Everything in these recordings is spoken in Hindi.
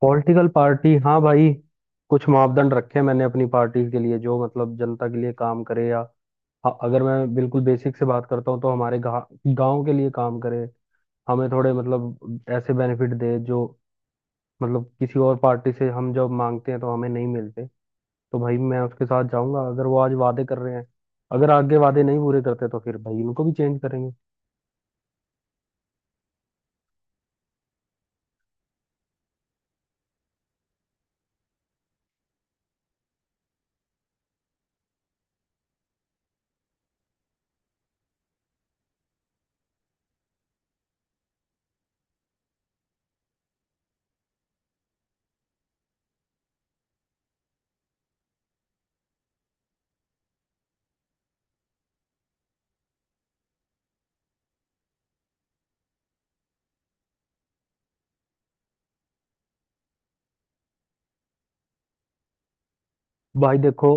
पॉलिटिकल पार्टी, हाँ भाई। कुछ मापदंड रखे हैं मैंने अपनी पार्टी के लिए, जो मतलब जनता के लिए काम करे या हाँ, अगर मैं बिल्कुल बेसिक से बात करता हूँ तो हमारे गांव के लिए काम करे, हमें थोड़े मतलब ऐसे बेनिफिट दे जो मतलब किसी और पार्टी से हम जब मांगते हैं तो हमें नहीं मिलते। तो भाई मैं उसके साथ जाऊंगा अगर वो आज वादे कर रहे हैं। अगर आगे वादे नहीं पूरे करते तो फिर भाई उनको भी चेंज करेंगे। भाई देखो,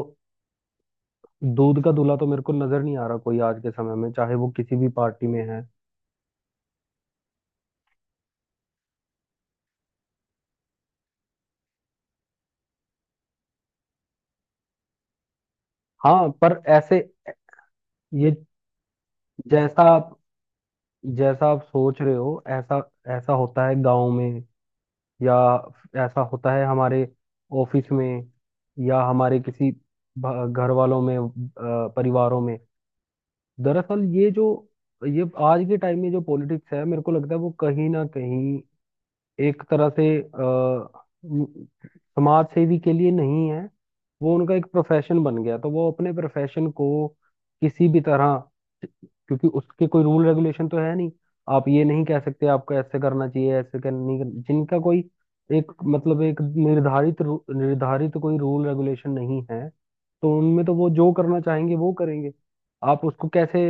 दूध का दूल्हा तो मेरे को नजर नहीं आ रहा कोई आज के समय में, चाहे वो किसी भी पार्टी में है। हाँ पर ऐसे, ये जैसा आप जैसा आप सोच रहे हो, ऐसा ऐसा होता है गांव में, या ऐसा होता है हमारे ऑफिस में, या हमारे किसी घर वालों में, परिवारों में। दरअसल ये आज के टाइम में जो पॉलिटिक्स है, मेरे को लगता है वो कहीं ना कहीं एक तरह से समाज सेवी के लिए नहीं है। वो उनका एक प्रोफेशन बन गया, तो वो अपने प्रोफेशन को किसी भी तरह, क्योंकि उसके कोई रूल रेगुलेशन तो है नहीं। आप ये नहीं कह सकते आपको ऐसे करना चाहिए, ऐसे कर नहीं कर- जिनका कोई एक मतलब एक निर्धारित निर्धारित कोई रूल रेगुलेशन नहीं है, तो उनमें तो वो जो करना चाहेंगे वो करेंगे। आप उसको कैसे,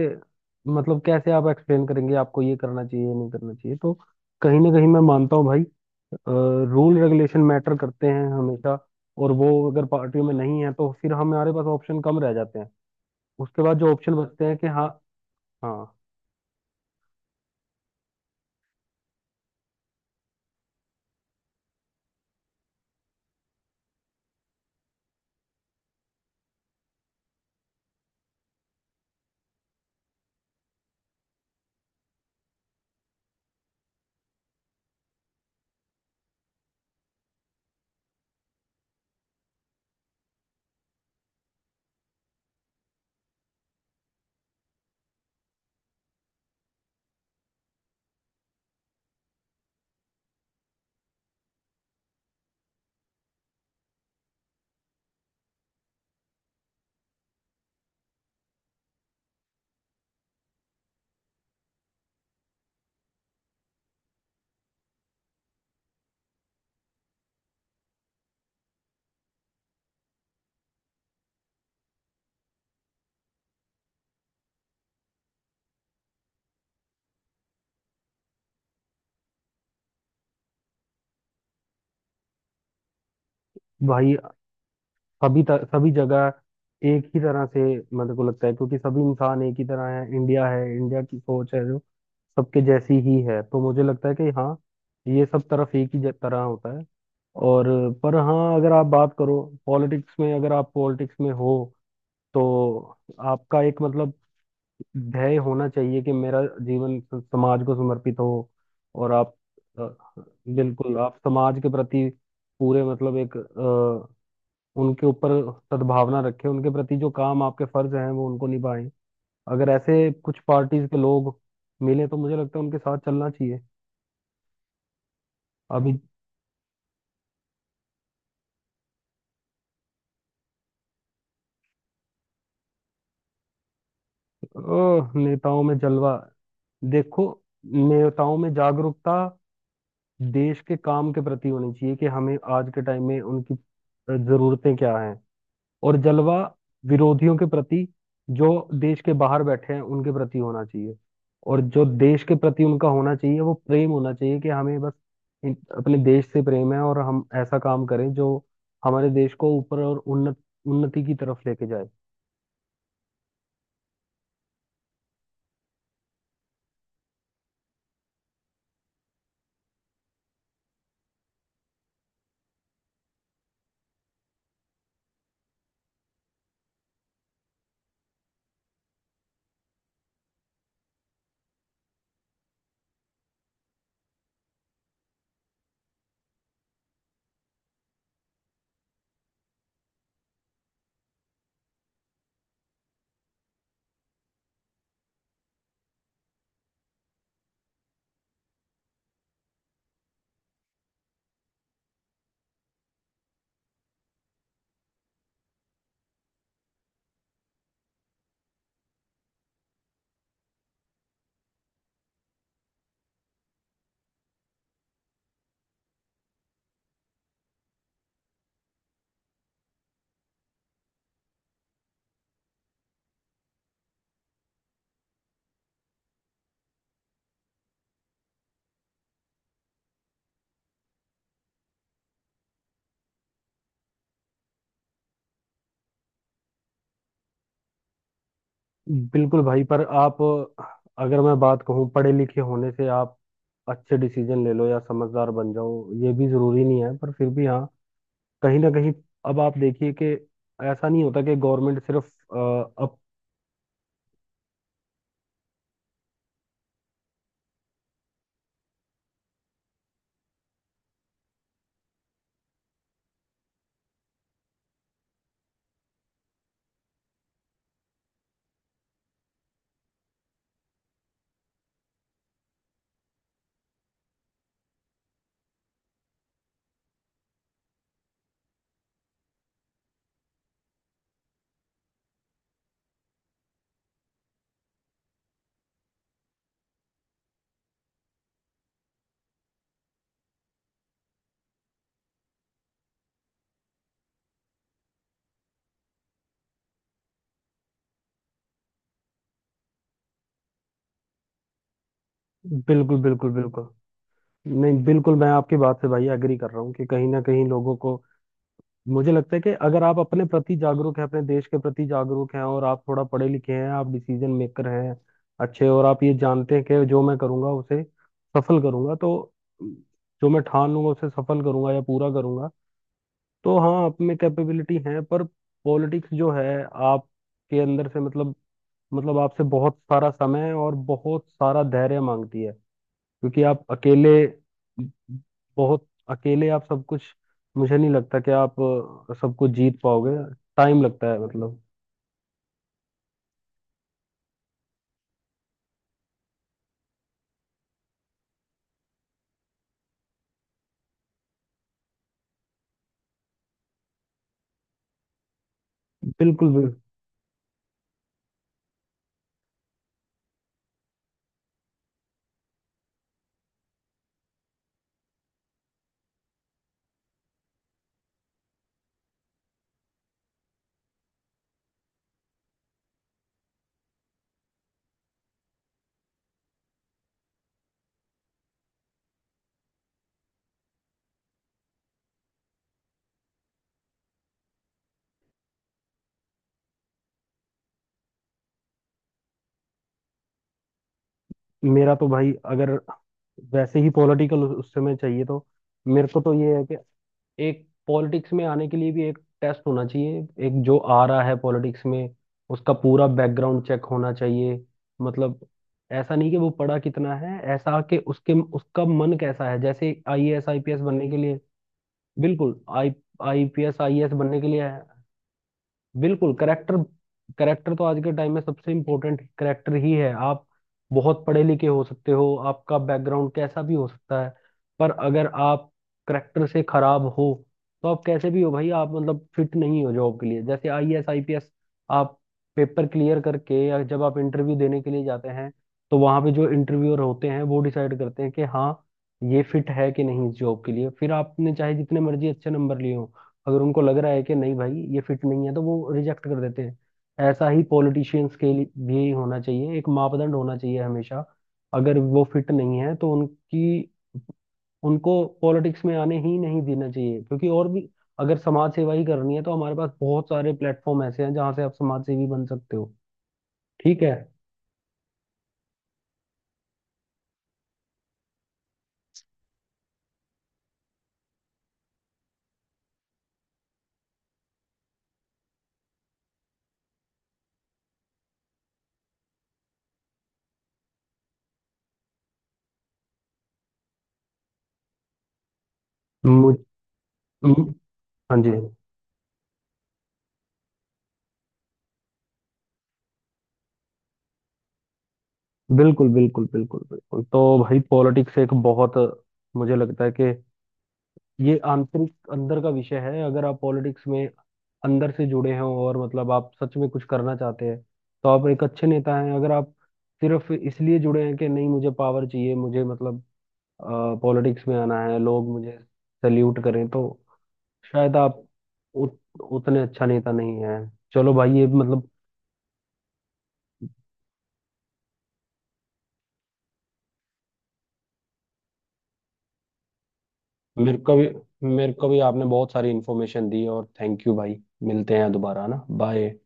मतलब कैसे आप एक्सप्लेन करेंगे आपको ये करना चाहिए ये नहीं करना चाहिए। तो कहीं ना कहीं मैं मानता हूँ भाई, रूल रेगुलेशन मैटर करते हैं हमेशा, और वो अगर पार्टियों में नहीं है तो फिर हमारे पास ऑप्शन कम रह जाते हैं। उसके बाद जो ऑप्शन बचते हैं कि हाँ। हाँ भाई, सभी जगह एक ही तरह से मेरे को लगता है, क्योंकि सभी इंसान एक ही तरह है। इंडिया है, इंडिया की सोच है जो सबके जैसी ही है, तो मुझे लगता है कि हाँ, ये सब तरफ एक ही तरह होता है। और पर हाँ, अगर आप बात करो, पॉलिटिक्स में अगर आप पॉलिटिक्स में हो, तो आपका एक मतलब ध्येय होना चाहिए कि मेरा जीवन समाज को समर्पित हो, और आप अ, बिल्कुल आप समाज के प्रति पूरे मतलब एक उनके ऊपर सद्भावना रखें, उनके प्रति जो काम आपके फर्ज हैं वो उनको निभाएं। अगर ऐसे कुछ पार्टीज के लोग मिले तो मुझे लगता है उनके साथ चलना चाहिए। अभी। नेताओं में जलवा, देखो, नेताओं में जागरूकता देश के काम के प्रति होनी चाहिए कि हमें आज के टाइम में उनकी जरूरतें क्या हैं, और जलवा विरोधियों के प्रति, जो देश के बाहर बैठे हैं उनके प्रति होना चाहिए। और जो देश के प्रति उनका होना चाहिए वो प्रेम होना चाहिए, कि हमें बस अपने देश से प्रेम है, और हम ऐसा काम करें जो हमारे देश को ऊपर और उन्नत, उन्नति की तरफ लेके जाए। बिल्कुल भाई, पर आप, अगर मैं बात कहूँ, पढ़े लिखे होने से आप अच्छे डिसीजन ले लो या समझदार बन जाओ, ये भी जरूरी नहीं है, पर फिर भी हाँ, कहीं ना कहीं अब आप देखिए कि ऐसा नहीं होता कि गवर्नमेंट सिर्फ अब। बिल्कुल बिल्कुल बिल्कुल। नहीं, बिल्कुल मैं आपकी बात से भाई एग्री कर रहा हूँ कि कहीं ना कहीं लोगों को, मुझे लगता है कि अगर आप अपने प्रति जागरूक हैं, अपने देश के प्रति जागरूक हैं, और आप थोड़ा पढ़े लिखे हैं, आप डिसीजन मेकर हैं अच्छे, और आप ये जानते हैं कि जो मैं करूँगा उसे सफल करूँगा, तो जो मैं ठान लूंगा उसे सफल करूंगा या पूरा करूंगा, तो हाँ, आप में कैपेबिलिटी है। पर पॉलिटिक्स जो है आपके अंदर से मतलब, मतलब आपसे बहुत सारा समय और बहुत सारा धैर्य मांगती है, क्योंकि आप अकेले, बहुत अकेले आप सब कुछ, मुझे नहीं लगता कि आप सब कुछ जीत पाओगे। टाइम लगता है मतलब। बिल्कुल भी। मेरा तो भाई, अगर वैसे ही पॉलिटिकल उस समय चाहिए, तो मेरे को तो ये है कि एक पॉलिटिक्स में आने के लिए भी एक टेस्ट होना चाहिए। एक जो आ रहा है पॉलिटिक्स में, उसका पूरा बैकग्राउंड चेक होना चाहिए। मतलब, ऐसा नहीं कि वो पढ़ा कितना है, ऐसा कि उसके उसका मन कैसा है, जैसे आईएएस आईपीएस बनने के लिए। बिल्कुल, आई आईपीएस आईएएस बनने के लिए आया है। बिल्कुल करेक्टर, करेक्टर तो आज के टाइम में सबसे इम्पोर्टेंट करेक्टर ही है। आप बहुत पढ़े लिखे हो सकते हो, आपका बैकग्राउंड कैसा भी हो सकता है, पर अगर आप करेक्टर से खराब हो, तो आप कैसे भी हो भाई, आप मतलब फिट नहीं हो जॉब के लिए, जैसे आईएएस आईपीएस। आप पेपर क्लियर करके या जब आप इंटरव्यू देने के लिए जाते हैं, तो वहां पे जो इंटरव्यूअर होते हैं वो डिसाइड करते हैं कि हाँ, ये फिट है कि नहीं इस जॉब के लिए, फिर आपने चाहे जितने मर्जी अच्छे नंबर लिए हो, अगर उनको लग रहा है कि नहीं भाई ये फिट नहीं है, तो वो रिजेक्ट कर देते हैं। ऐसा ही पॉलिटिशियंस के लिए भी होना चाहिए, एक मापदंड होना चाहिए हमेशा। अगर वो फिट नहीं है, तो उनकी उनको पॉलिटिक्स में आने ही नहीं देना चाहिए, क्योंकि और भी अगर समाज सेवा ही करनी है तो हमारे पास बहुत सारे प्लेटफॉर्म ऐसे हैं जहाँ से आप समाज सेवी बन सकते हो। ठीक है। मुझ म- हाँ जी। बिल्कुल बिल्कुल बिल्कुल बिल्कुल। तो भाई पॉलिटिक्स एक बहुत, मुझे लगता है कि ये आंतरिक अंदर का विषय है। अगर आप पॉलिटिक्स में अंदर से जुड़े हों, और मतलब आप सच में कुछ करना चाहते हैं, तो आप एक अच्छे नेता हैं। अगर आप सिर्फ इसलिए जुड़े हैं कि नहीं, मुझे पावर चाहिए, मुझे मतलब पॉलिटिक्स में आना है, लोग मुझे सल्यूट करें, तो शायद आप उत, उतने अच्छा नेता नहीं है। चलो भाई ये मतलब, मेरे को भी मेरे को भी आपने बहुत सारी इन्फॉर्मेशन दी, और थैंक यू भाई। मिलते हैं दोबारा ना, बाय।